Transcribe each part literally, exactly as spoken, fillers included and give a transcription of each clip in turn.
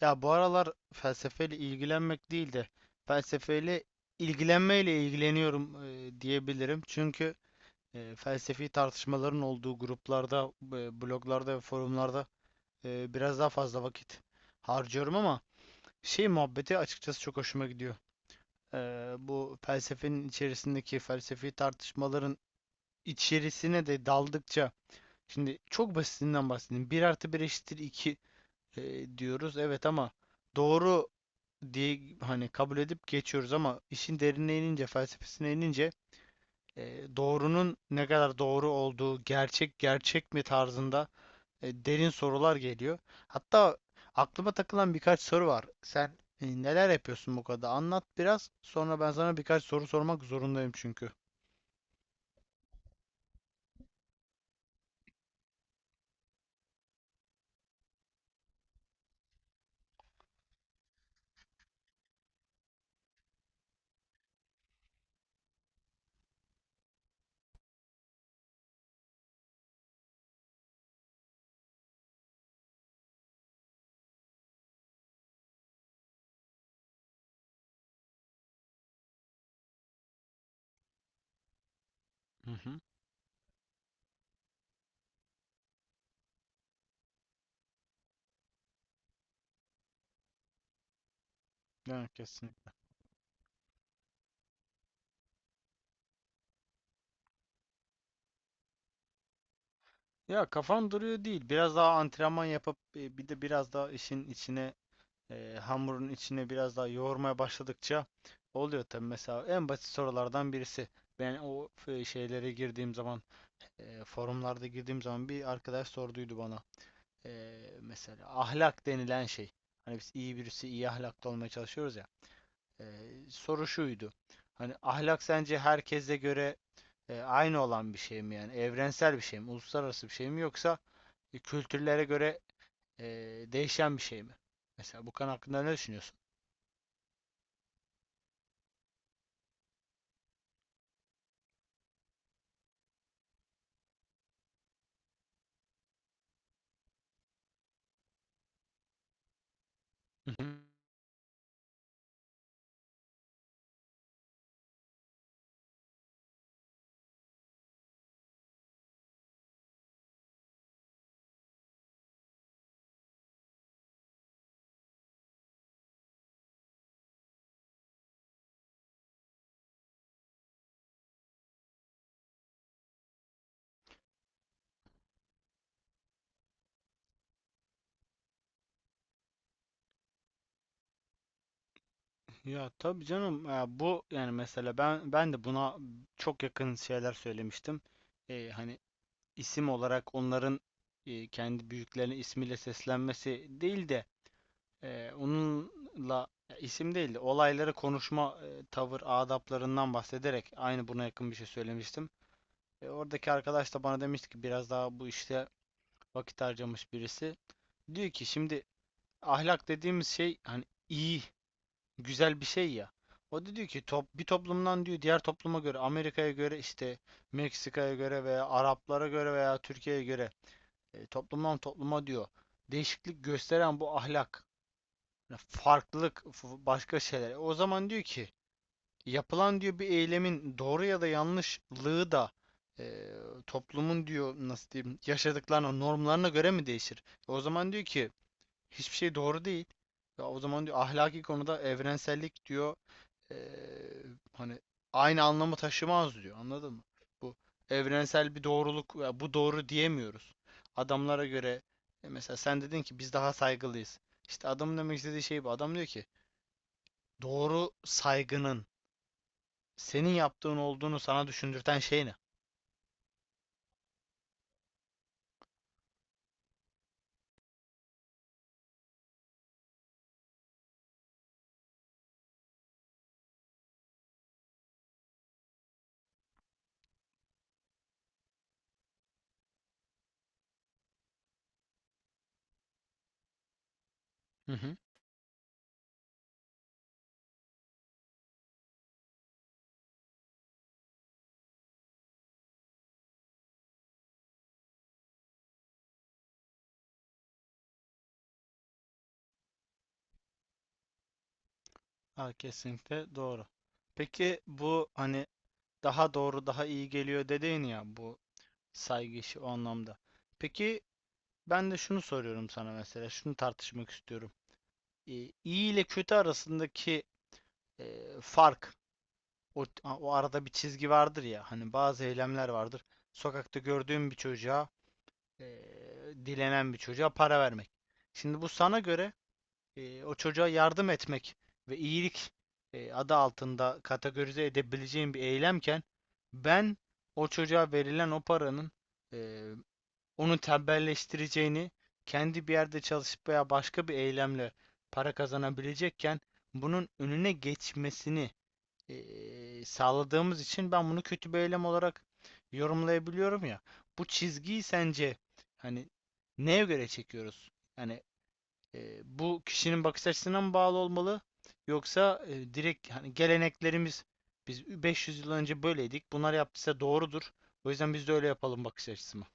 Ya bu aralar felsefeyle ilgilenmek değil de felsefeyle ilgilenmeyle ilgileniyorum, e, diyebilirim. Çünkü e, felsefi tartışmaların olduğu gruplarda, e, bloglarda ve forumlarda e, biraz daha fazla vakit harcıyorum ama şey muhabbeti açıkçası çok hoşuma gidiyor. E, bu felsefenin içerisindeki felsefi tartışmaların içerisine de daldıkça, şimdi çok basitinden bahsedeyim. Bir artı bir eşittir iki diyoruz. Evet ama doğru diye hani kabul edip geçiyoruz, ama işin derinine inince, felsefesine inince e, doğrunun ne kadar doğru olduğu, gerçek gerçek mi tarzında e, derin sorular geliyor. Hatta aklıma takılan birkaç soru var. Sen e, neler yapıyorsun bu kadar? Anlat biraz. Sonra ben sana birkaç soru sormak zorundayım çünkü. Hı hı. Yani kesin. Ya kafam duruyor değil. Biraz daha antrenman yapıp e, bir de biraz daha işin içine, e, hamurun içine biraz daha yoğurmaya başladıkça oluyor tabi. Mesela en basit sorulardan birisi. Ben o şeylere girdiğim zaman, e, forumlarda girdiğim zaman bir arkadaş sorduydu bana. E, Mesela ahlak denilen şey. Hani biz iyi birisi, iyi ahlaklı olmaya çalışıyoruz ya. E, Soru şuydu. Hani ahlak sence herkese göre e, aynı olan bir şey mi yani? Evrensel bir şey mi? Uluslararası bir şey mi? Yoksa e, kültürlere göre e, değişen bir şey mi? Mesela bu konu hakkında ne düşünüyorsun? Ya tabii canım ya bu, yani mesela ben ben de buna çok yakın şeyler söylemiştim. Ee, hani isim olarak onların e, kendi büyüklerine ismiyle seslenmesi değil de e, onunla ya isim değil de olayları konuşma, e, tavır adaplarından bahsederek aynı buna yakın bir şey söylemiştim. E, oradaki arkadaş da bana demişti ki, biraz daha bu işte vakit harcamış birisi. Diyor ki şimdi ahlak dediğimiz şey hani iyi güzel bir şey ya. O da diyor ki top, bir toplumdan diyor diğer topluma göre, Amerika'ya göre, işte Meksika'ya göre veya Araplara göre veya Türkiye'ye göre, e, toplumdan topluma diyor değişiklik gösteren bu ahlak farklılık f- başka şeyler. O zaman diyor ki yapılan diyor bir eylemin doğru ya da yanlışlığı da e, toplumun diyor nasıl diyeyim yaşadıklarına, normlarına göre mi değişir? E, O zaman diyor ki hiçbir şey doğru değil. Ya o zaman diyor ahlaki konuda evrensellik diyor eee, hani aynı anlamı taşımaz diyor. Anladın mı? Bu evrensel bir doğruluk, ya bu doğru diyemiyoruz. Adamlara göre, e, mesela sen dedin ki biz daha saygılıyız. İşte adamın demek istediği şey bu. Adam diyor ki doğru saygının senin yaptığın olduğunu sana düşündürten şey ne? Hı hı. Ha, kesinlikle doğru. Peki bu hani daha doğru, daha iyi geliyor dediğin ya, bu saygı işi o anlamda. Peki ben de şunu soruyorum sana, mesela şunu tartışmak istiyorum. e, iyi ile kötü arasındaki e, fark, o, o arada bir çizgi vardır ya, hani bazı eylemler vardır. Sokakta gördüğüm bir çocuğa, e, dilenen bir çocuğa para vermek. Şimdi bu sana göre e, o çocuğa yardım etmek ve iyilik e, adı altında kategorize edebileceğim bir eylemken, ben o çocuğa verilen o paranın e, onu tembelleştireceğini, kendi bir yerde çalışıp veya başka bir eylemle para kazanabilecekken bunun önüne geçmesini eee, sağladığımız için ben bunu kötü bir eylem olarak yorumlayabiliyorum ya. Bu çizgiyi sence hani neye göre çekiyoruz? Yani eee, bu kişinin bakış açısına mı bağlı olmalı? Yoksa e, direkt hani geleneklerimiz, biz beş yüz yıl önce böyleydik. Bunlar yaptıysa doğrudur. O yüzden biz de öyle yapalım bakış açısı mı?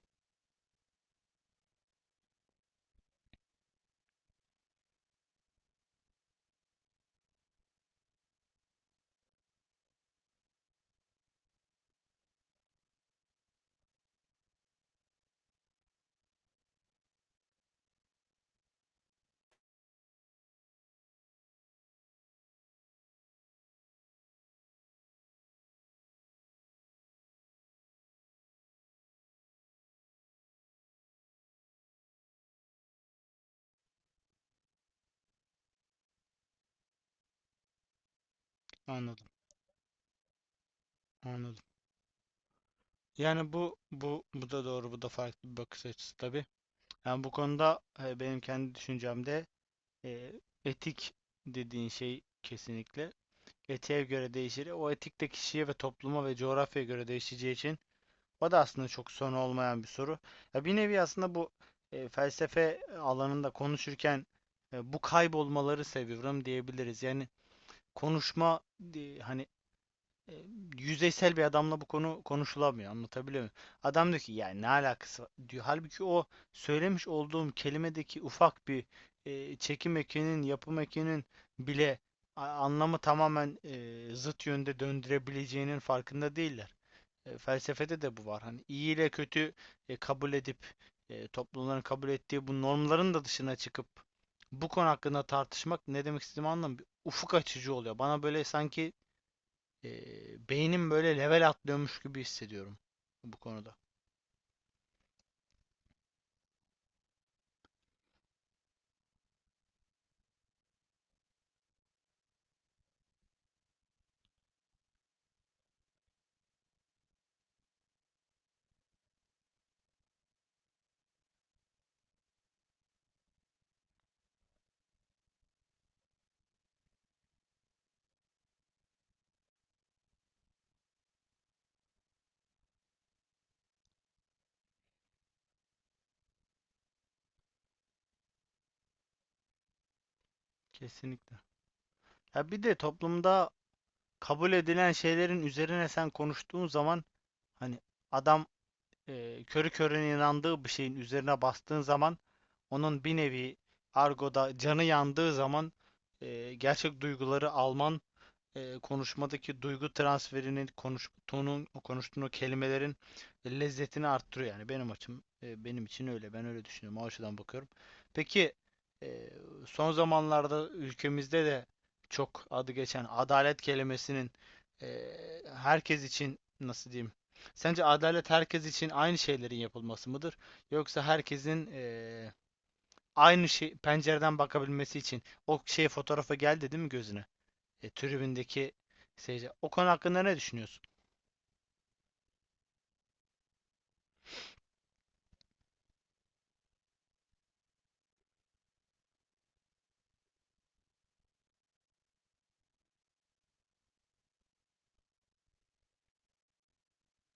Anladım, anladım. Yani bu bu bu da doğru, bu da farklı bir bakış açısı tabii. Yani bu konuda e, benim kendi düşüncemde e, etik dediğin şey kesinlikle etiğe göre değişir. O etik de kişiye ve topluma ve coğrafyaya göre değişeceği için o da aslında çok son olmayan bir soru. Ya bir nevi aslında bu e, felsefe alanında konuşurken e, bu kaybolmaları seviyorum diyebiliriz. Yani konuşma, e, hani e, yüzeysel bir adamla bu konu konuşulamıyor. Anlatabiliyor muyum? Adam diyor ki yani ne alakası var diyor. Halbuki o söylemiş olduğum kelimedeki ufak bir e, çekim ekinin, yapım ekinin bile anlamı tamamen e, zıt yönde döndürebileceğinin farkında değiller. E, felsefede de bu var. Hani iyi ile kötü e, kabul edip e, toplumların kabul ettiği bu normların da dışına çıkıp bu konu hakkında tartışmak ne demek istediğimi anlamıyorum. Ufuk açıcı oluyor. Bana böyle sanki e, beynim böyle level atlıyormuş gibi hissediyorum bu konuda. Kesinlikle. Ya bir de toplumda kabul edilen şeylerin üzerine sen konuştuğun zaman, hani adam e, körü körüne inandığı bir şeyin üzerine bastığın zaman onun bir nevi argoda canı yandığı zaman e, gerçek duyguları alman, e, konuşmadaki duygu transferinin, konuş tonun, o konuştuğun o kelimelerin lezzetini arttırıyor. Yani benim açım e, benim için öyle, ben öyle düşünüyorum, o açıdan bakıyorum. Peki e, son zamanlarda ülkemizde de çok adı geçen adalet kelimesinin e, herkes için nasıl diyeyim? Sence adalet herkes için aynı şeylerin yapılması mıdır? Yoksa herkesin e, aynı şey pencereden bakabilmesi için o şey fotoğrafa geldi değil mi gözüne? E, tribündeki seyirci. O konu hakkında ne düşünüyorsun?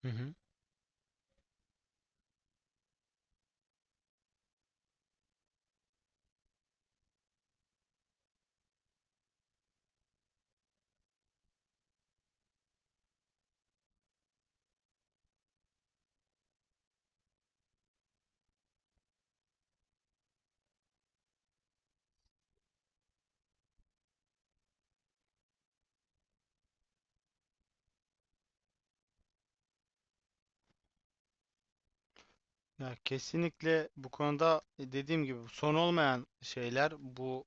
Hı hı. Ya kesinlikle bu konuda, e, dediğim gibi son olmayan şeyler bu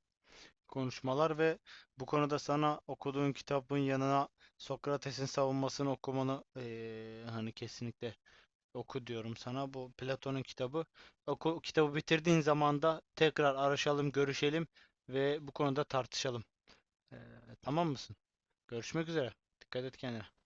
konuşmalar. Ve bu konuda sana, okuduğun kitabın yanına, Sokrates'in Savunması'nı okumanı, e, hani kesinlikle oku diyorum sana. Bu Platon'un kitabı. Oku, kitabı bitirdiğin zaman da tekrar araşalım, görüşelim ve bu konuda tartışalım. E, tamam mısın? Görüşmek üzere. Dikkat et kendine.